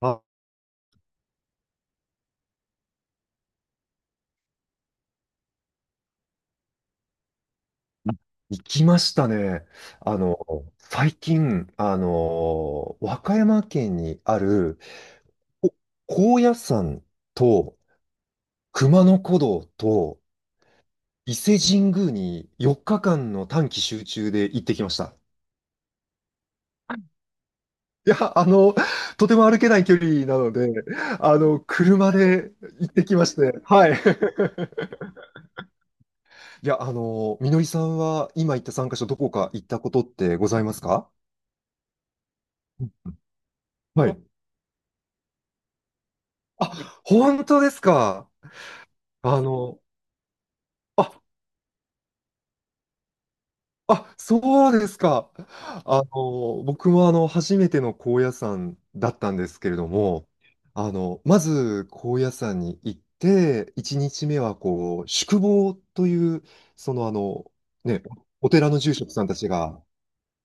あ、行きましたね。あの、最近、和歌山県にある、お高野山と熊野古道と伊勢神宮に4日間の短期集中で行ってきました。いや、とても歩けない距離なので、車で行ってきまして、はい。いや、みのりさんは今行った参加者、どこか行ったことってございますか？うん、はい。あ、本当ですか。あの、あ、そうですか。僕も初めての高野山だったんですけれども、まず高野山に行って、1日目はこう、宿坊という、そのあの、ね、お寺の住職さんたちが、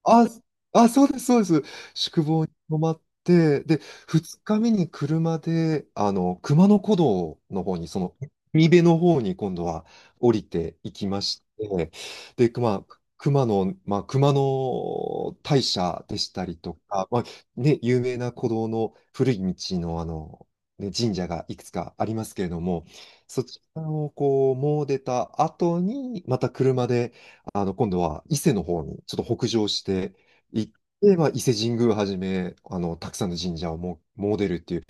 あ、あ、そうです、そうです。宿坊に泊まって、で、2日目に車で、熊野古道の方に、その、海辺の方に今度は降りていきまして、で、まあ、熊野、まあ、熊野大社でしたりとか、まあ、ね、有名な古道の古い道の、ね、神社がいくつかありますけれども、そちらをこう、もう出た後に、また車で、今度は伊勢の方にちょっと北上して行って、まあ、伊勢神宮はじめ、たくさんの神社をも詣でるっていう、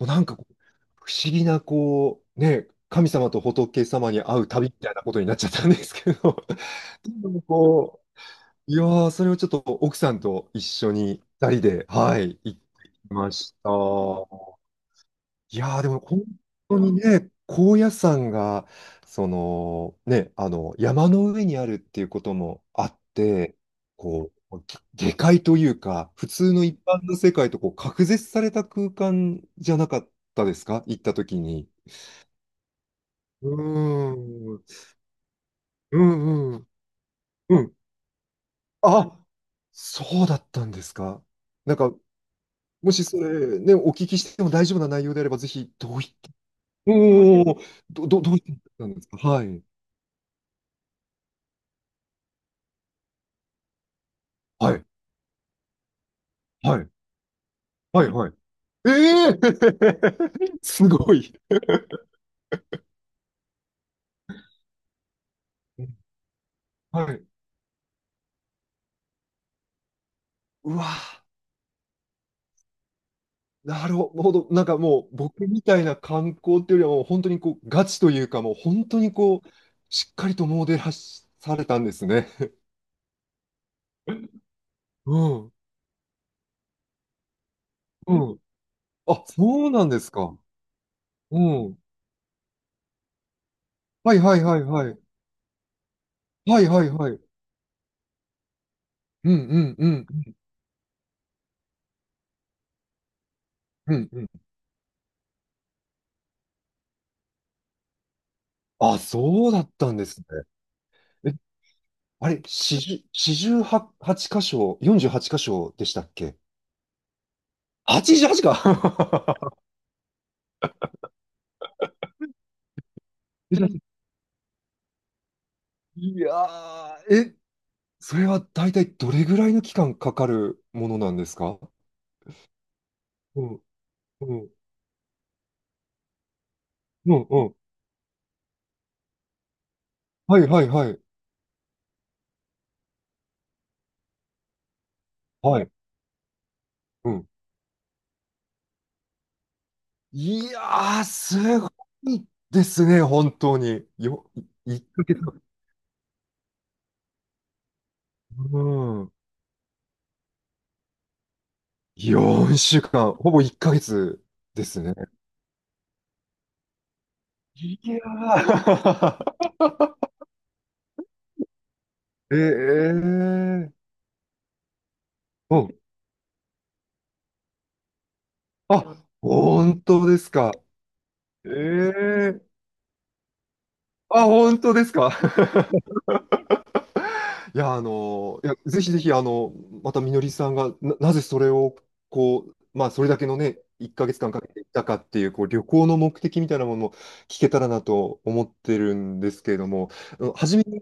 もうなんかこう不思議な、こう、ね、神様と仏様に会う旅みたいなことになっちゃったんですけど、でもこう、いやー、それをちょっと奥さんと一緒に二人で、はい、行ってきました。いやーでも本当にね、高野山が、そのね、山の上にあるっていうこともあって、こう、下界というか、普通の一般の世界とこう隔絶された空間じゃなかったですか行った時に。うーん、うんうん、うん。あ、そうだったんですか。なんか、もしそれね、お聞きしても大丈夫な内容であれば、ぜひ、おーどういったんですか？はい。はい。はい。はい、はい。ええ。 すごい。はい。うわぁ、なるほど。なんかもう、僕みたいな観光っていうよりは、もう本当にこう、ガチというか、もう本当にこう、しっかりとモデルされたんですね。うん。うん。あ、そうなんですか。うん。はいはいはいはい。はいはいはい。うんうんうんうんうん。あ、そうだったんですね。え、あれ、四十、四十八箇所、四十八箇所でしたっけ？88か。 いやー、え、それは大体どれぐらいの期間かかるものなんですか？うん、うん、うん、うん。はいはいはい。はい。うん。いやー、すごいですね、本当に。いヶ月。うん。4週間、ほぼ1ヶ月ですね。いやー。ええー。うん。あ、本当ですか。ええ、あ、本当ですか。いや、いや、ぜひぜひ、またみのりさんがな、なぜそれを、こう、まあ、それだけのね、1ヶ月間かけていったかっていう、こう、旅行の目的みたいなものを聞けたらなと思ってるんですけれども、うん、初めに、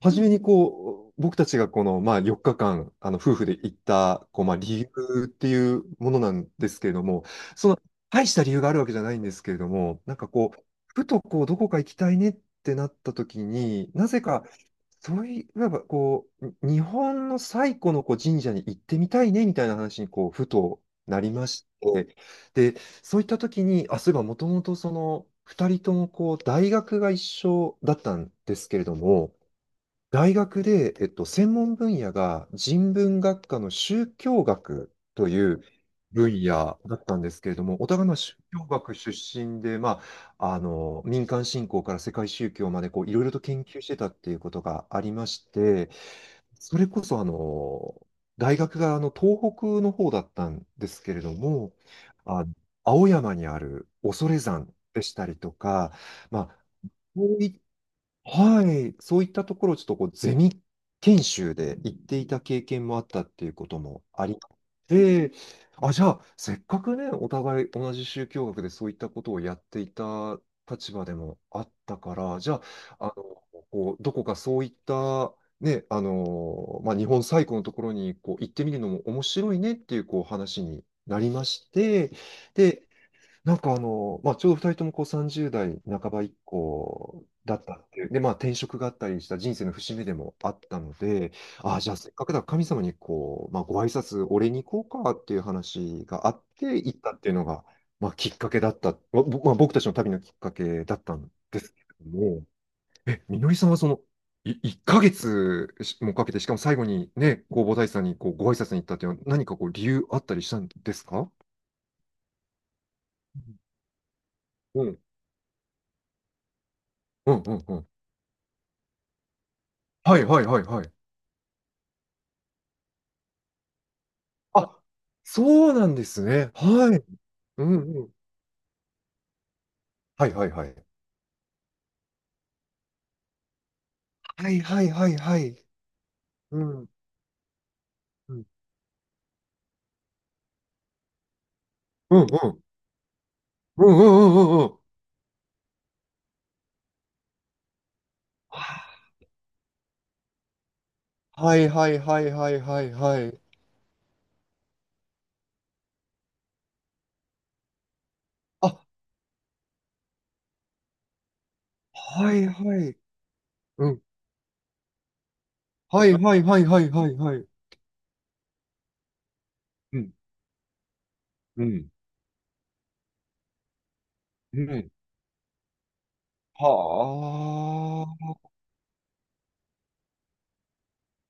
初めに、こう、僕たちがこの、まあ、4日間、夫婦で行った、こう、まあ、理由っていうものなんですけれども、その、大した理由があるわけじゃないんですけれども、なんかこう、ふとこう、どこか行きたいねってなった時に、なぜか、そういう、なんかこう、日本の最古のこう神社に行ってみたいねみたいな話にこうふとなりまして、で、そういった時に、あ、そういえばもともとその2人ともこう大学が一緒だったんですけれども、大学で、専門分野が人文学科の宗教学という分野だったんですけれども、お互いの宗教学出身で、まあ、民間信仰から世界宗教までこういろいろと研究してたっていうことがありまして、それこそ大学が東北の方だったんですけれども、あの青山にある恐山でしたりとか、まあ、こういっはい、そういったところをちょっとこうゼミ研修で行っていた経験もあったっていうこともあり、で、あ、じゃあ、せっかくね、お互い同じ宗教学でそういったことをやっていた立場でもあったから、じゃあ、こう、どこかそういった、ね、まあ、日本最古のところにこう行ってみるのも面白いねっていうこう話になりまして、で、まあ、ちょうど2人ともこう30代半ば以降だったっていう、で、まあ、転職があったりした人生の節目でもあったので、ああ、じゃあせっかくだ、神様にこう、まあ、ご挨拶、お礼に行こうかっていう話があって、行ったっていうのが、まあ、きっかけだった、まあ僕たちの旅のきっかけだったんですけれども、え、みのりさんはその、1ヶ月もかけて、しかも最後にね、弘法大師さんにこうご挨拶に行ったっていうのは、何かこう理由あったりしたんですか？うん、うん、うん、うん。はいはいはいはい。あ、そうなんですね。はい。うんうん。はいはいはい。はいはいはいはい。うん。うん。うんうん。うんうんうんうんうん。はいはいはいはいはいはい。あ、はいはい。うん。はいはいはいはいはいはい。うん。うん。うん。は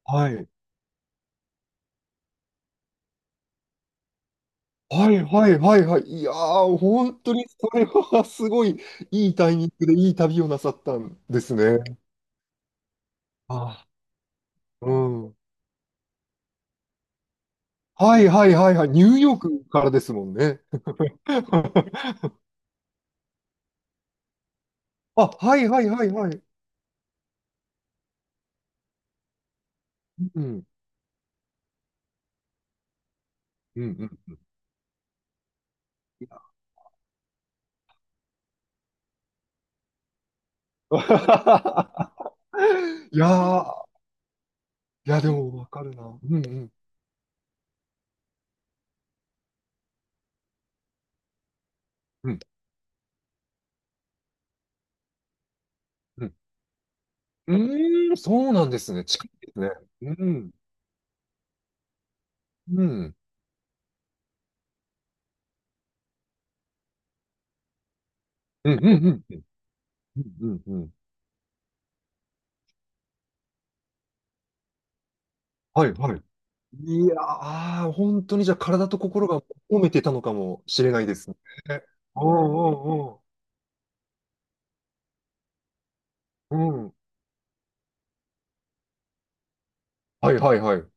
あ。はい。はいはいはいはい。いやー、本当にそれはすごいいいタイミングでいい旅をなさったんですね。あ、うん。はいはいはいはい。ニューヨークからですもんね。あ、はいはいはいはい。うん。うんうん。いやー、いやでもわかるな。うんうん。うん。うん。うーん、そうなんですね。近いですね。うん。うん。うんうんうん。うんうんうん。はいはい。いやー、本当にじゃあ体と心が褒めてたのかもしれないですね。おうおうおう。うん。はいはいはい。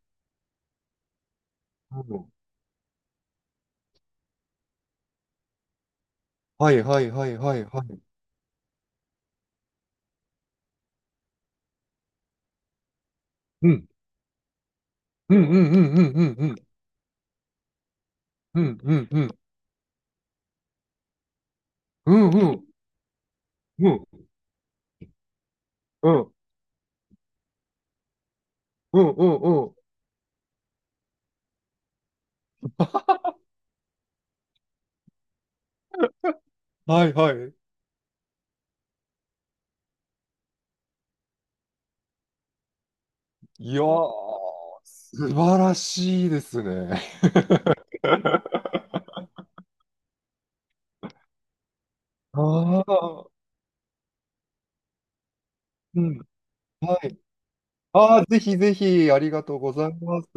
うん。はいはいはいはいはい。うんうんうんうんうんうんうんうんうんうんうんうんうんうんうんうんうん、はいはい。いやー、素晴らしいですね。ああ、うん。はい。ああ、ぜひぜひ、ありがとうございます。